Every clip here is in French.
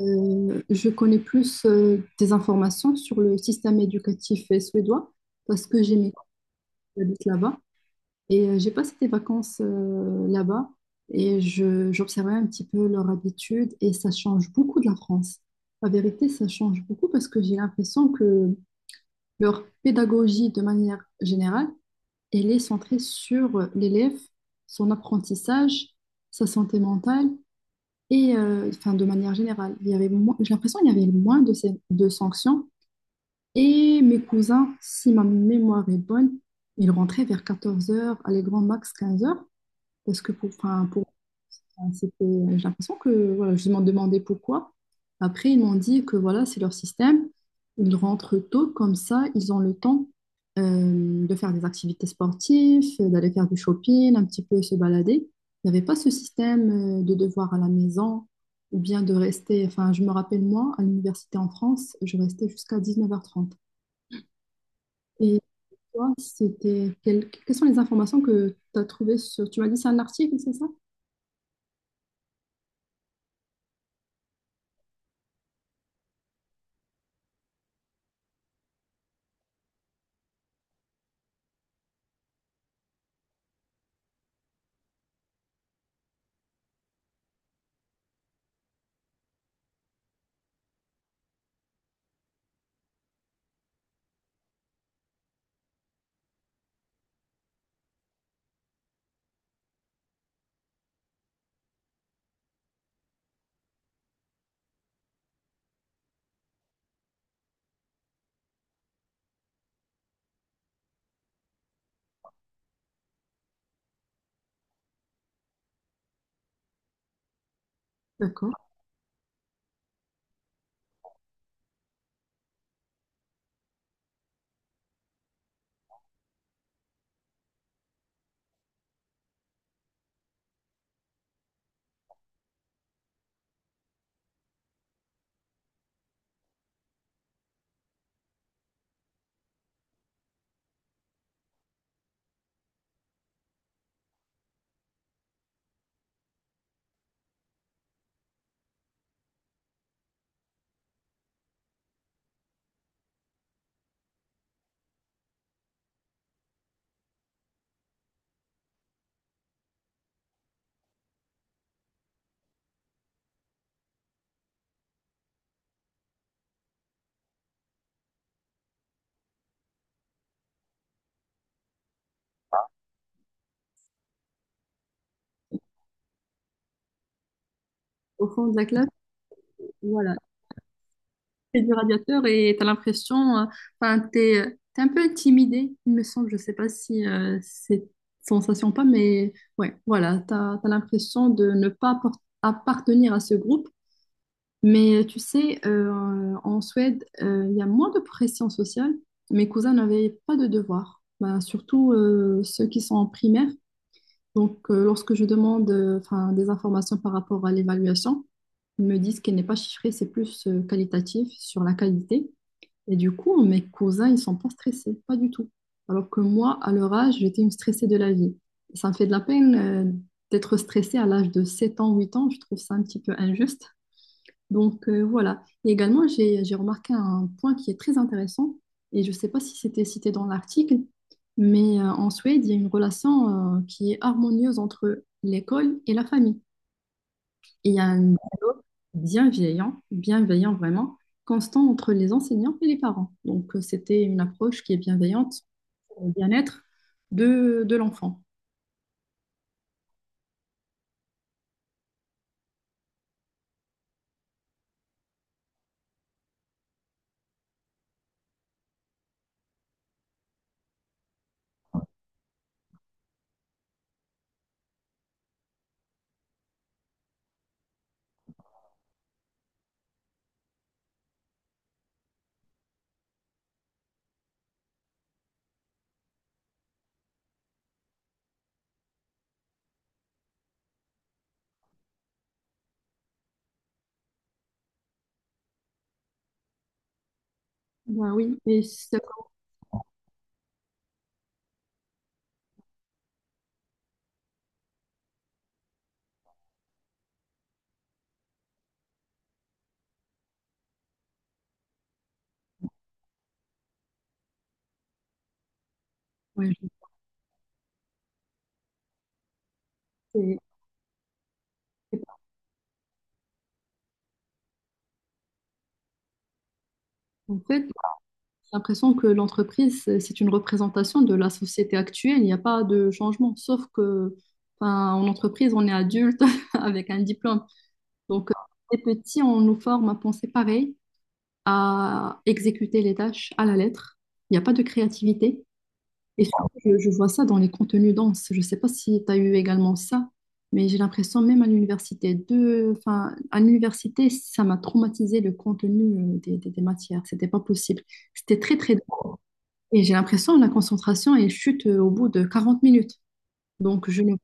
Je connais plus des informations sur le système éducatif suédois parce que j'ai mes parents qui habitent là-bas et j'ai passé des vacances là-bas et j'observais un petit peu leur habitude et ça change beaucoup de la France. La vérité, ça change beaucoup parce que j'ai l'impression que leur pédagogie de manière générale, elle est centrée sur l'élève, son apprentissage, sa santé mentale et enfin, de manière générale, il y avait moins, j'ai l'impression qu'il y avait moins de sanctions. Et mes cousins, si ma mémoire est bonne, ils rentraient vers 14 heures, allez, grand max 15 heures, parce que pour Enfin, C'était- J'ai l'impression que voilà, je m'en demandais pourquoi. Après, ils m'ont dit que voilà, c'est leur système. Ils rentrent tôt, comme ça, ils ont le temps de faire des activités sportives, d'aller faire du shopping, un petit peu se balader. Il n'y avait pas ce système de devoir à la maison ou bien de rester. Enfin, je me rappelle, moi, à l'université en France, je restais jusqu'à 19h30. Et toi, c'était quelles sont les informations que tu as trouvées sur... Tu m'as dit c'est un article, c'est ça? D'accord. Au fond de la classe, voilà. Fais du radiateur et tu as l'impression, enfin, t'es un peu intimidé, il me semble. Je sais pas si c'est sensation ou pas, mais ouais, voilà, tu as, l'impression de ne pas appartenir à ce groupe. Mais tu sais, en Suède, il y a moins de pression sociale. Mes cousins n'avaient pas de devoirs, ben, surtout ceux qui sont en primaire. Donc, lorsque je demande enfin, des informations par rapport à l'évaluation, ils me disent qu'elle n'est pas chiffrée, c'est plus qualitatif sur la qualité. Et du coup, mes cousins, ils sont pas stressés, pas du tout. Alors que moi, à leur âge, j'étais une stressée de la vie. Et ça me fait de la peine d'être stressée à l'âge de 7 ans, 8 ans. Je trouve ça un petit peu injuste. Donc, voilà. Et également, j'ai remarqué un point qui est très intéressant. Et je ne sais pas si c'était cité dans l'article, mais en Suède, il y a une relation qui est harmonieuse entre l'école et la famille. Et il y a un dialogue bienveillant, bienveillant vraiment, constant entre les enseignants et les parents. Donc, c'était une approche qui est bienveillante pour le bien-être de l'enfant. Bah oui, ouais, c'est- c'est- en fait, j'ai l'impression que l'entreprise, c'est une représentation de la société actuelle. Il n'y a pas de changement, sauf que, enfin, en entreprise, on est adulte avec un diplôme. Donc, les petits, on nous forme à penser pareil, à exécuter les tâches à la lettre. Il n'y a pas de créativité. Et surtout, je vois ça dans les contenus denses. Je ne sais pas si tu as eu également ça, mais j'ai l'impression, même à l'université, enfin, à l'université, ça m'a traumatisé le contenu des matières. C'était pas possible. C'était très, très dense. Et j'ai l'impression, la concentration, elle chute au bout de 40 minutes. Donc, je ne peux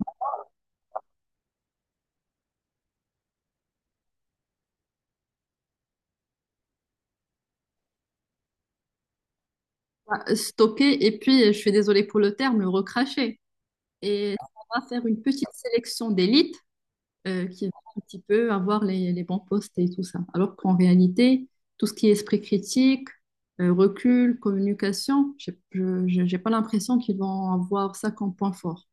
pas stocker. Et puis, je suis désolée pour le terme, le recracher. Et on va faire une petite sélection d'élite qui va un petit peu avoir les bons postes et tout ça. Alors qu'en réalité, tout ce qui est esprit critique, recul, communication, je n'ai pas l'impression qu'ils vont avoir ça comme point fort.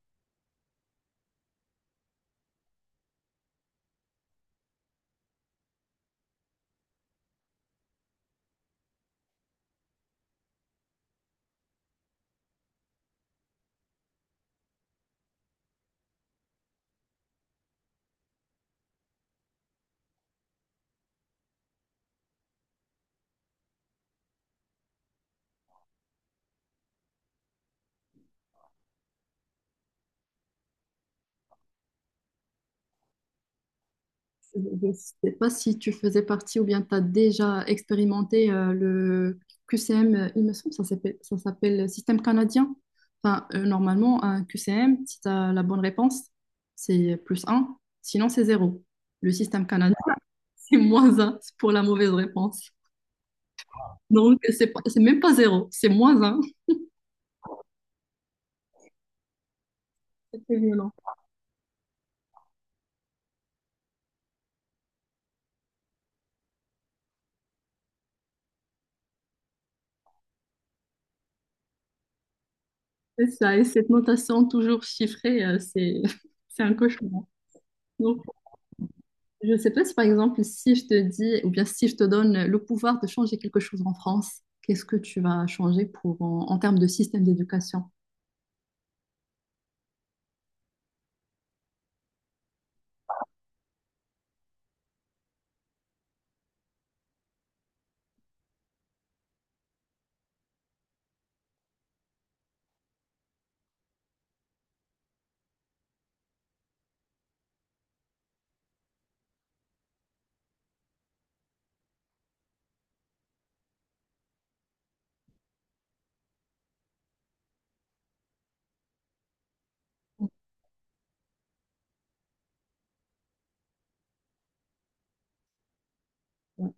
Je ne sais pas si tu faisais partie ou bien tu as déjà expérimenté le QCM, il me semble, ça s'appelle système canadien. Enfin, normalement, un QCM, si tu as la bonne réponse, c'est plus un, sinon c'est zéro. Le système canadien, c'est moins un pour la mauvaise réponse. Donc, c'est même pas zéro, c'est moins un. C'est très violent. C'est ça, et cette notation toujours chiffrée, c'est c'est un cauchemar. Donc, je ne sais pas si par exemple, si je te dis, ou bien si je te donne le pouvoir de changer quelque chose en France, qu'est-ce que tu vas changer pour, en termes de système d'éducation? Ouais,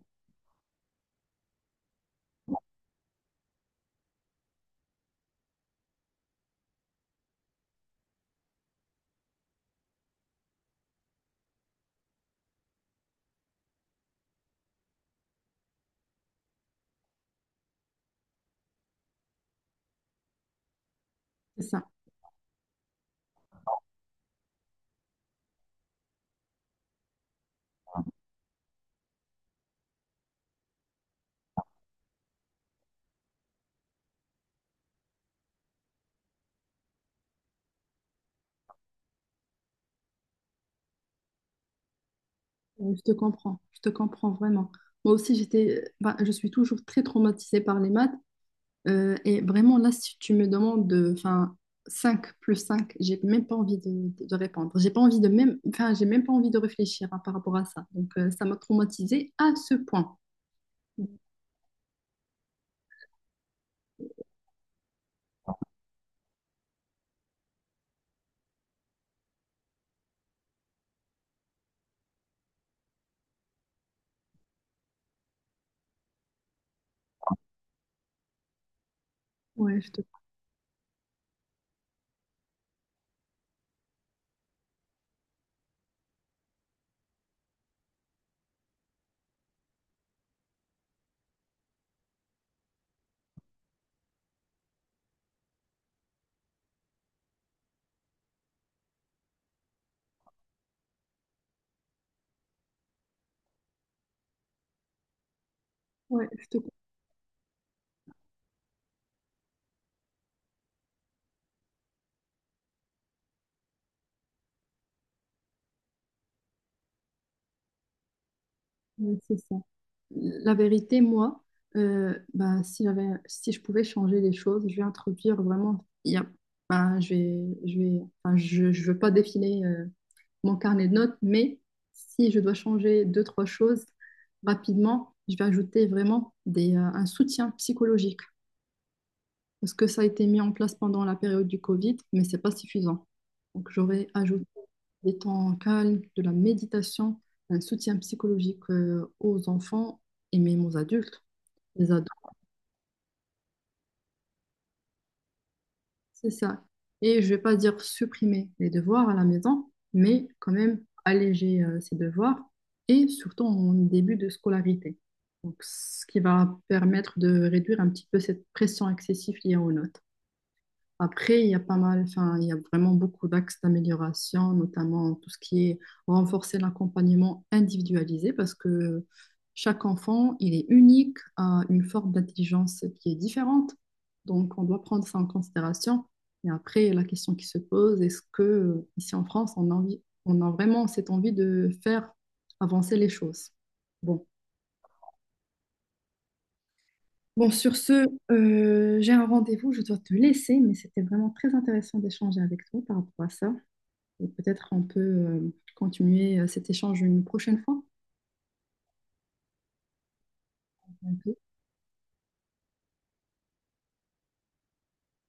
c'est ça. Ouais, je te comprends. Je te comprends vraiment. Moi aussi, bah, je suis toujours très traumatisée par les maths. Et vraiment, là, si tu me demandes enfin, 5 plus 5, j'ai même pas envie de répondre. J'ai pas envie de même, enfin, j'ai même pas envie de réfléchir hein, par rapport à ça. Donc, ça m'a traumatisée à ce point. Ouais, ouais, je te comprends. Ouais, c'est ça. La vérité, moi, ben, si je pouvais changer les choses, je vais introduire vraiment. Ben, je vais, enfin, je veux pas défiler mon carnet de notes, mais si je dois changer deux, trois choses rapidement, je vais ajouter vraiment un soutien psychologique parce que ça a été mis en place pendant la période du Covid, mais c'est pas suffisant. Donc, j'aurais ajouté des temps calmes, de la méditation, un soutien psychologique aux enfants et même aux adultes. Les ados, c'est ça. Et je vais pas dire supprimer les devoirs à la maison, mais quand même alléger ces devoirs et surtout en début de scolarité. Donc, ce qui va permettre de réduire un petit peu cette pression excessive liée aux notes. Après, il y a pas mal, enfin, il y a vraiment beaucoup d'axes d'amélioration, notamment tout ce qui est renforcer l'accompagnement individualisé, parce que chaque enfant, il est unique, a une forme d'intelligence qui est différente. Donc, on doit prendre ça en considération. Et après, la question qui se pose, est-ce que ici en France, on a vraiment cette envie de faire avancer les choses? Bon. Bon, sur ce, j'ai un rendez-vous, je dois te laisser, mais c'était vraiment très intéressant d'échanger avec toi par rapport à ça. Et peut-être on peut continuer cet échange une prochaine fois. On peut